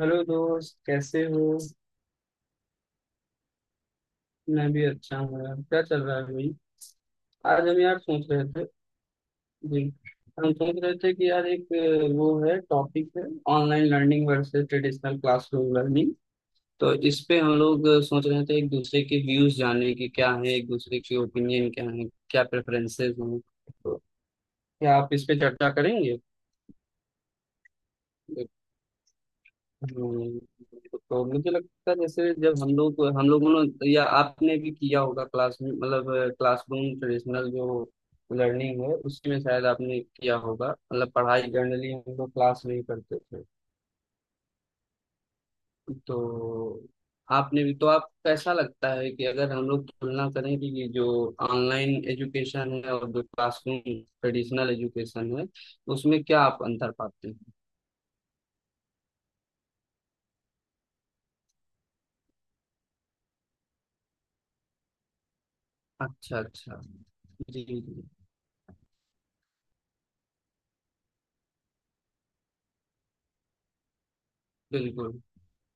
Hello दोस्त, कैसे हो? मैं भी अच्छा हूँ यार। क्या चल रहा है भाई? आज हम यार सोच रहे थे। जी, हम सोच रहे थे कि यार एक वो है, टॉपिक है online learning versus traditional classroom learning. तो इस पे हम लोग सोच रहे थे एक दूसरे के व्यूज जानने के, क्या है एक दूसरे के ओपिनियन, क्या है, क्या प्रेफरेंसेस हैं। तो क्या आप इस पे चर्चा करेंगे? हम्म। तो मुझे लगता है जैसे जब हम लोग हम लोगों ने या आपने भी किया होगा क्लास में, मतलब क्लासरूम ट्रेडिशनल जो लर्निंग है उसमें शायद आपने किया होगा। मतलब पढ़ाई जनरली हम लोग क्लास में ही करते थे। तो आपने भी, तो आप कैसा लगता है कि अगर हम लोग तुलना करें कि ये जो ऑनलाइन एजुकेशन है और जो क्लासरूम ट्रेडिशनल एजुकेशन है, उसमें क्या आप अंतर पाते हैं? अच्छा अच्छा। जी जी। बिल्कुल।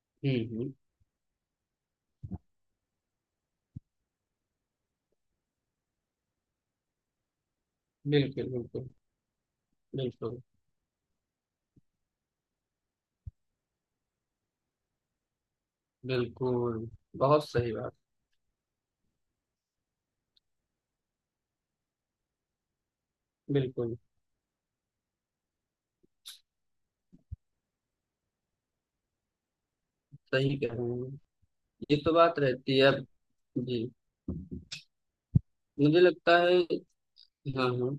हम्म। बिल्कुल बिल्कुल। बिल्कुल बिल्कुल। बहुत सही बात। बिल्कुल। सही कह रहे हैं। ये तो बात रहती है अब। जी। मुझे लगता है। हाँ हाँ।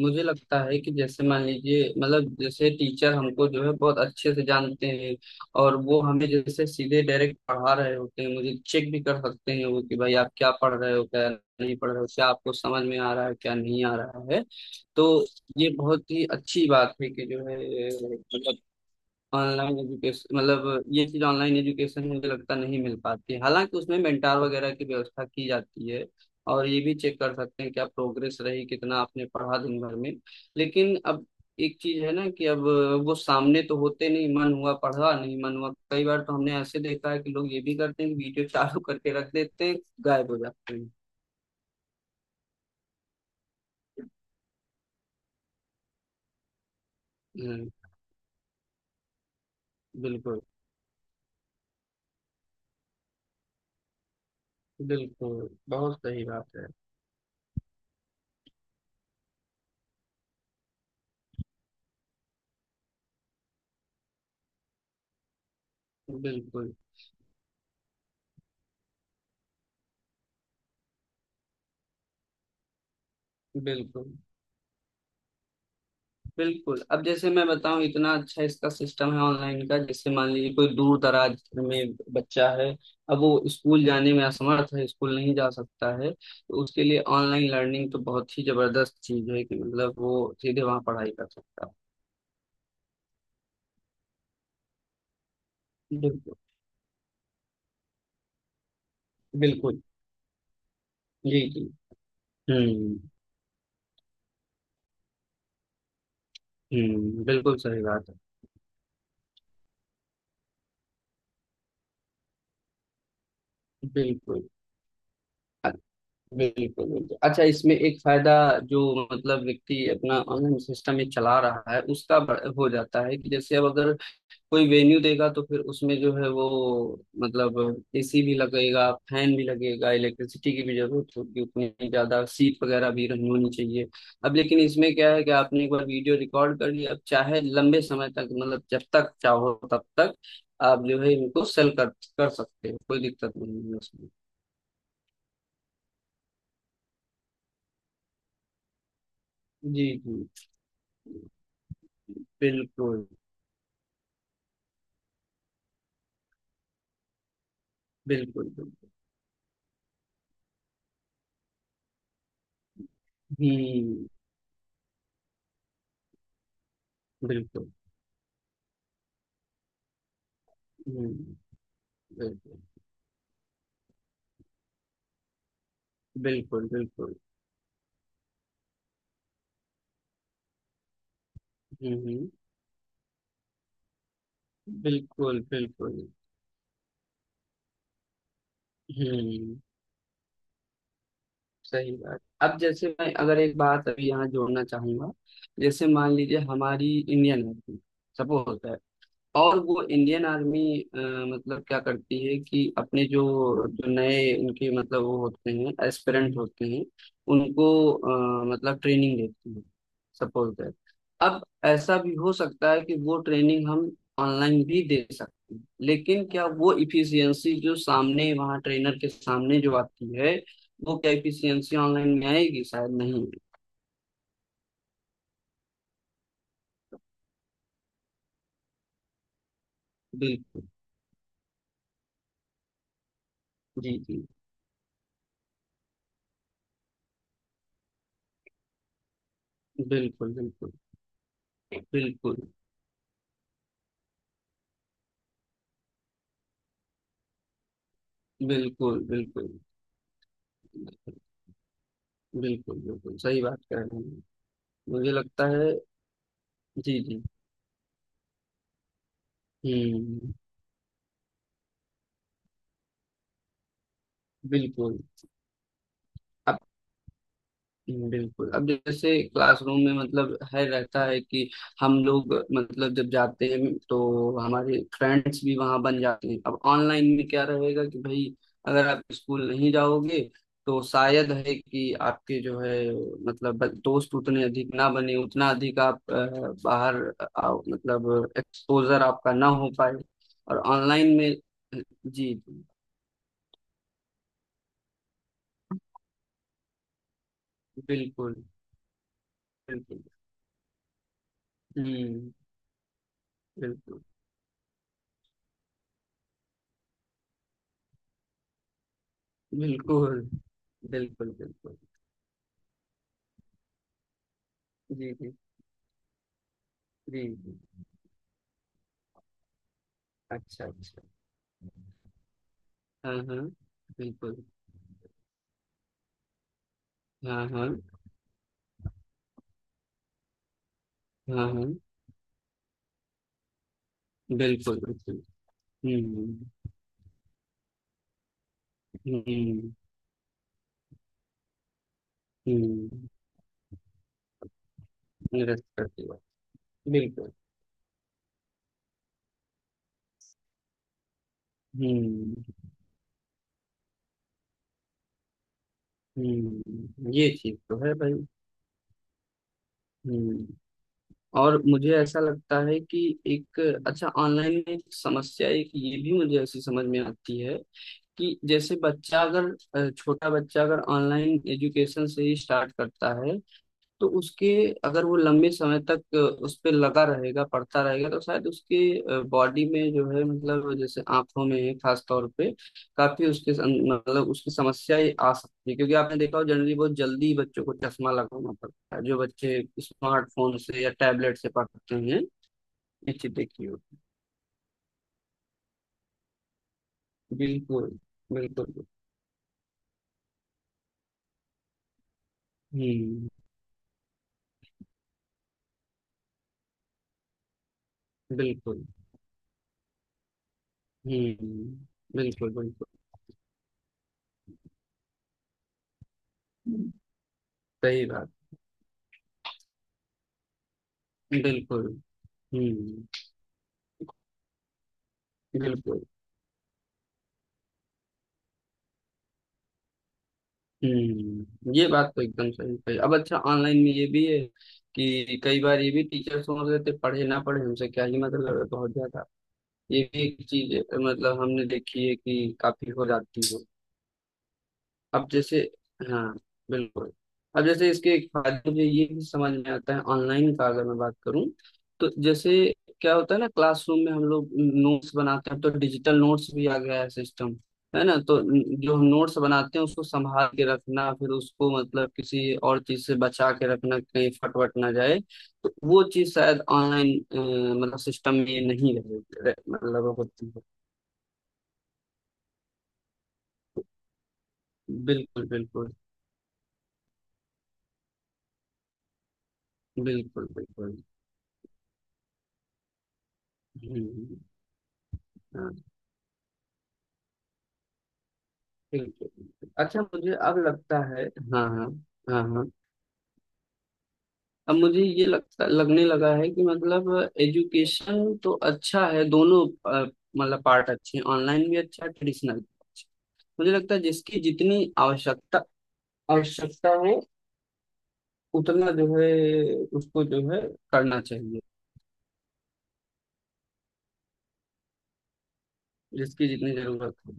मुझे लगता है कि जैसे मान लीजिए, मतलब जैसे टीचर हमको जो है बहुत अच्छे से जानते हैं और वो हमें जैसे सीधे डायरेक्ट पढ़ा रहे होते हैं, मुझे चेक भी कर सकते हैं वो कि भाई आप क्या पढ़ रहे हो, क्या नहीं पढ़ रहे हो, क्या आपको समझ में आ रहा है, क्या नहीं आ रहा है। तो ये बहुत ही अच्छी बात है कि जो है, मतलब ऑनलाइन एजुकेशन, मतलब ये चीज ऑनलाइन एजुकेशन में मुझे लगता नहीं मिल पाती है। हालांकि उसमें मेंटार वगैरह की व्यवस्था की जाती है और ये भी चेक कर सकते हैं क्या प्रोग्रेस रही, कितना आपने पढ़ा दिन भर में। लेकिन अब एक चीज है ना कि अब वो सामने तो होते नहीं, मन हुआ पढ़ा, नहीं मन हुआ, कई बार तो हमने ऐसे देखा है कि लोग ये भी करते हैं कि वीडियो चालू करके रख देते हैं, गायब हो जाते हैं। हम्म। बिल्कुल बिल्कुल। बहुत सही बात है। बिल्कुल बिल्कुल। बिल्कुल अब जैसे मैं बताऊं, इतना अच्छा इसका सिस्टम है ऑनलाइन का। जैसे मान लीजिए कोई दूर दराज में बच्चा है, अब वो स्कूल जाने में असमर्थ है, स्कूल नहीं जा सकता है, तो उसके लिए ऑनलाइन लर्निंग तो बहुत ही जबरदस्त चीज है कि मतलब वो सीधे वहां पढ़ाई कर सकता है। बिल्कुल बिल्कुल। जी जी। हम्म हम्म। बिल्कुल सही बात है। बिल्कुल। अ- बिल्कुल बिल्कुल। अच्छा, इसमें एक फायदा जो, मतलब व्यक्ति अपना ऑनलाइन सिस्टम में चला रहा है उसका हो जाता है कि जैसे अब अगर कोई वेन्यू देगा तो फिर उसमें जो है वो, मतलब एसी भी लगेगा, फैन भी लगेगा, इलेक्ट्रिसिटी की भी जरूरत होगी, उतनी ज्यादा सीट वगैरह भी रहनी होनी चाहिए। अब लेकिन इसमें क्या है कि आपने एक बार वीडियो रिकॉर्ड कर लिया, अब चाहे लंबे समय तक, मतलब जब तक चाहो तब तक आप जो है इनको सेल कर कर सकते हो, कोई दिक्कत नहीं है उसमें। जी जी। बिल्कुल बिल्कुल। बिल्कुल। हम्म। बिल्कुल। हम्म। बिल्कुल बिल्कुल। बिल्कुल। हम्म हम्म। बिल्कुल बिल्कुल। हम्म। सही बात। अब जैसे मैं अगर एक बात अभी यहाँ जोड़ना चाहूंगा, जैसे मान लीजिए हमारी इंडियन आर्मी, सपोज, और वो इंडियन आर्मी मतलब क्या करती है कि अपने जो, जो नए उनके, मतलब वो होते हैं एस्पिरेंट होते हैं, उनको मतलब ट्रेनिंग देती है। सपोज दैट, अब ऐसा भी हो सकता है कि वो ट्रेनिंग हम ऑनलाइन भी दे सकते हैं, लेकिन क्या वो इफिशियंसी जो सामने, वहाँ ट्रेनर के सामने जो आती है, वो क्या इफिशियंसी ऑनलाइन में आएगी? शायद नहीं। बिल्कुल। जी जी। बिल्कुल बिल्कुल। बिल्कुल बिल्कुल। बिल्कुल बिल्कुल। बिल्कुल सही बात कह रहे हैं। मुझे लगता है। जी जी। हम्म। बिल्कुल अब। बिल्कुल। अब जैसे क्लासरूम में, मतलब है, रहता है कि हम लोग मतलब जब जाते हैं तो हमारे फ्रेंड्स भी वहां बन जाते हैं। अब ऑनलाइन में क्या रहेगा कि भाई अगर आप स्कूल नहीं जाओगे तो शायद है कि आपके जो है, मतलब दोस्त उतने अधिक ना बने, उतना अधिक आप बाहर आओ, मतलब एक्सपोजर आपका ना हो पाए। और ऑनलाइन में, जी जी, बिल्कुल बिल्कुल। हम्म। बिल्कुल बिल्कुल। बिल्कुल। बिल्कुल। जी जी। जी जी। अच्छा अच्छा। हाँ हाँ। बिल्कुल। हाँ हाँ। हाँ हाँ। बिल्कुल बिल्कुल। हुँ, हुँ, हुँ। रिस्पेक्ट की बात। बिल्कुल। हुँ, हुँ। ये चीज़ तो है भाई। हुँ। और मुझे ऐसा लगता है कि एक, अच्छा ऑनलाइन में एक समस्या, एक ये भी मुझे ऐसी समझ में आती है कि जैसे बच्चा अगर, छोटा बच्चा अगर ऑनलाइन एजुकेशन से ही स्टार्ट करता है, तो उसके, अगर वो लंबे समय तक उस पे लगा रहेगा, पड़ता रहेगा, तो शायद उसके बॉडी में जो है मतलब जैसे आंखों में, खास तौर पे काफी उसके मतलब उसकी समस्या ये आ सकती है। क्योंकि आपने देखा हो, जनरली बहुत जल्दी बच्चों को चश्मा लगाना पड़ता है जो बच्चे स्मार्टफोन से या टैबलेट से पढ़ते हैं। ये चीज देखी हो। बिल्कुल बिल्कुल। हम्म। बिल्कुल। हम्म। बिल्कुल बिल्कुल। सही बात। बिल्कुल। हम्म। बिल्कुल। हम्म। ये बात तो एकदम सही कही। अब अच्छा, ऑनलाइन में ये भी है कि कई बार ये भी टीचर सोच रहे थे पढ़े ना पढ़े, हमसे क्या ही मतलब है बहुत ज्यादा। ये भी एक चीज मतलब हमने देखी है कि काफी हो जाती है। अब जैसे, हाँ, बिल्कुल। अब जैसे इसके एक फायदे मुझे ये भी समझ में आता है ऑनलाइन का, अगर मैं बात करूं तो, जैसे क्या होता है ना, क्लासरूम में हम लोग नोट्स बनाते हैं, तो डिजिटल नोट्स भी आ गया है सिस्टम, है ना? तो जो हम नोट्स बनाते हैं उसको संभाल के रखना, फिर उसको मतलब किसी और चीज से बचा के रखना, कहीं फट वट ना जाए, तो वो चीज शायद ऑनलाइन, मतलब सिस्टम में ये नहीं रहे रहे- मतलब होती है। बिल्कुल बिल्कुल। बिल्कुल बिल्कुल। हम्म। हाँ। ठीक है। अच्छा मुझे अब लगता है, हाँ हाँ, हाँ हाँ, अब मुझे ये लगता लगने लगा है कि मतलब एजुकेशन तो अच्छा है दोनों, अ, मतलब पार्ट अच्छे हैं, ऑनलाइन भी अच्छा, ट्रेडिशनल भी अच्छा। मुझे लगता है जिसकी जितनी आवश्यकता आवश्यकता हो उतना जो है उसको जो है करना चाहिए, जिसकी जितनी जरूरत हो।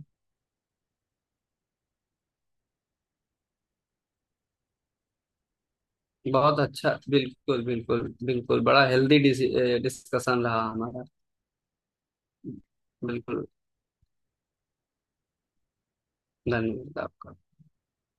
बहुत अच्छा। बिल्कुल बिल्कुल बिल्कुल। बड़ा हेल्दी डिस्कशन रहा हमारा। बिल्कुल। धन्यवाद आपका।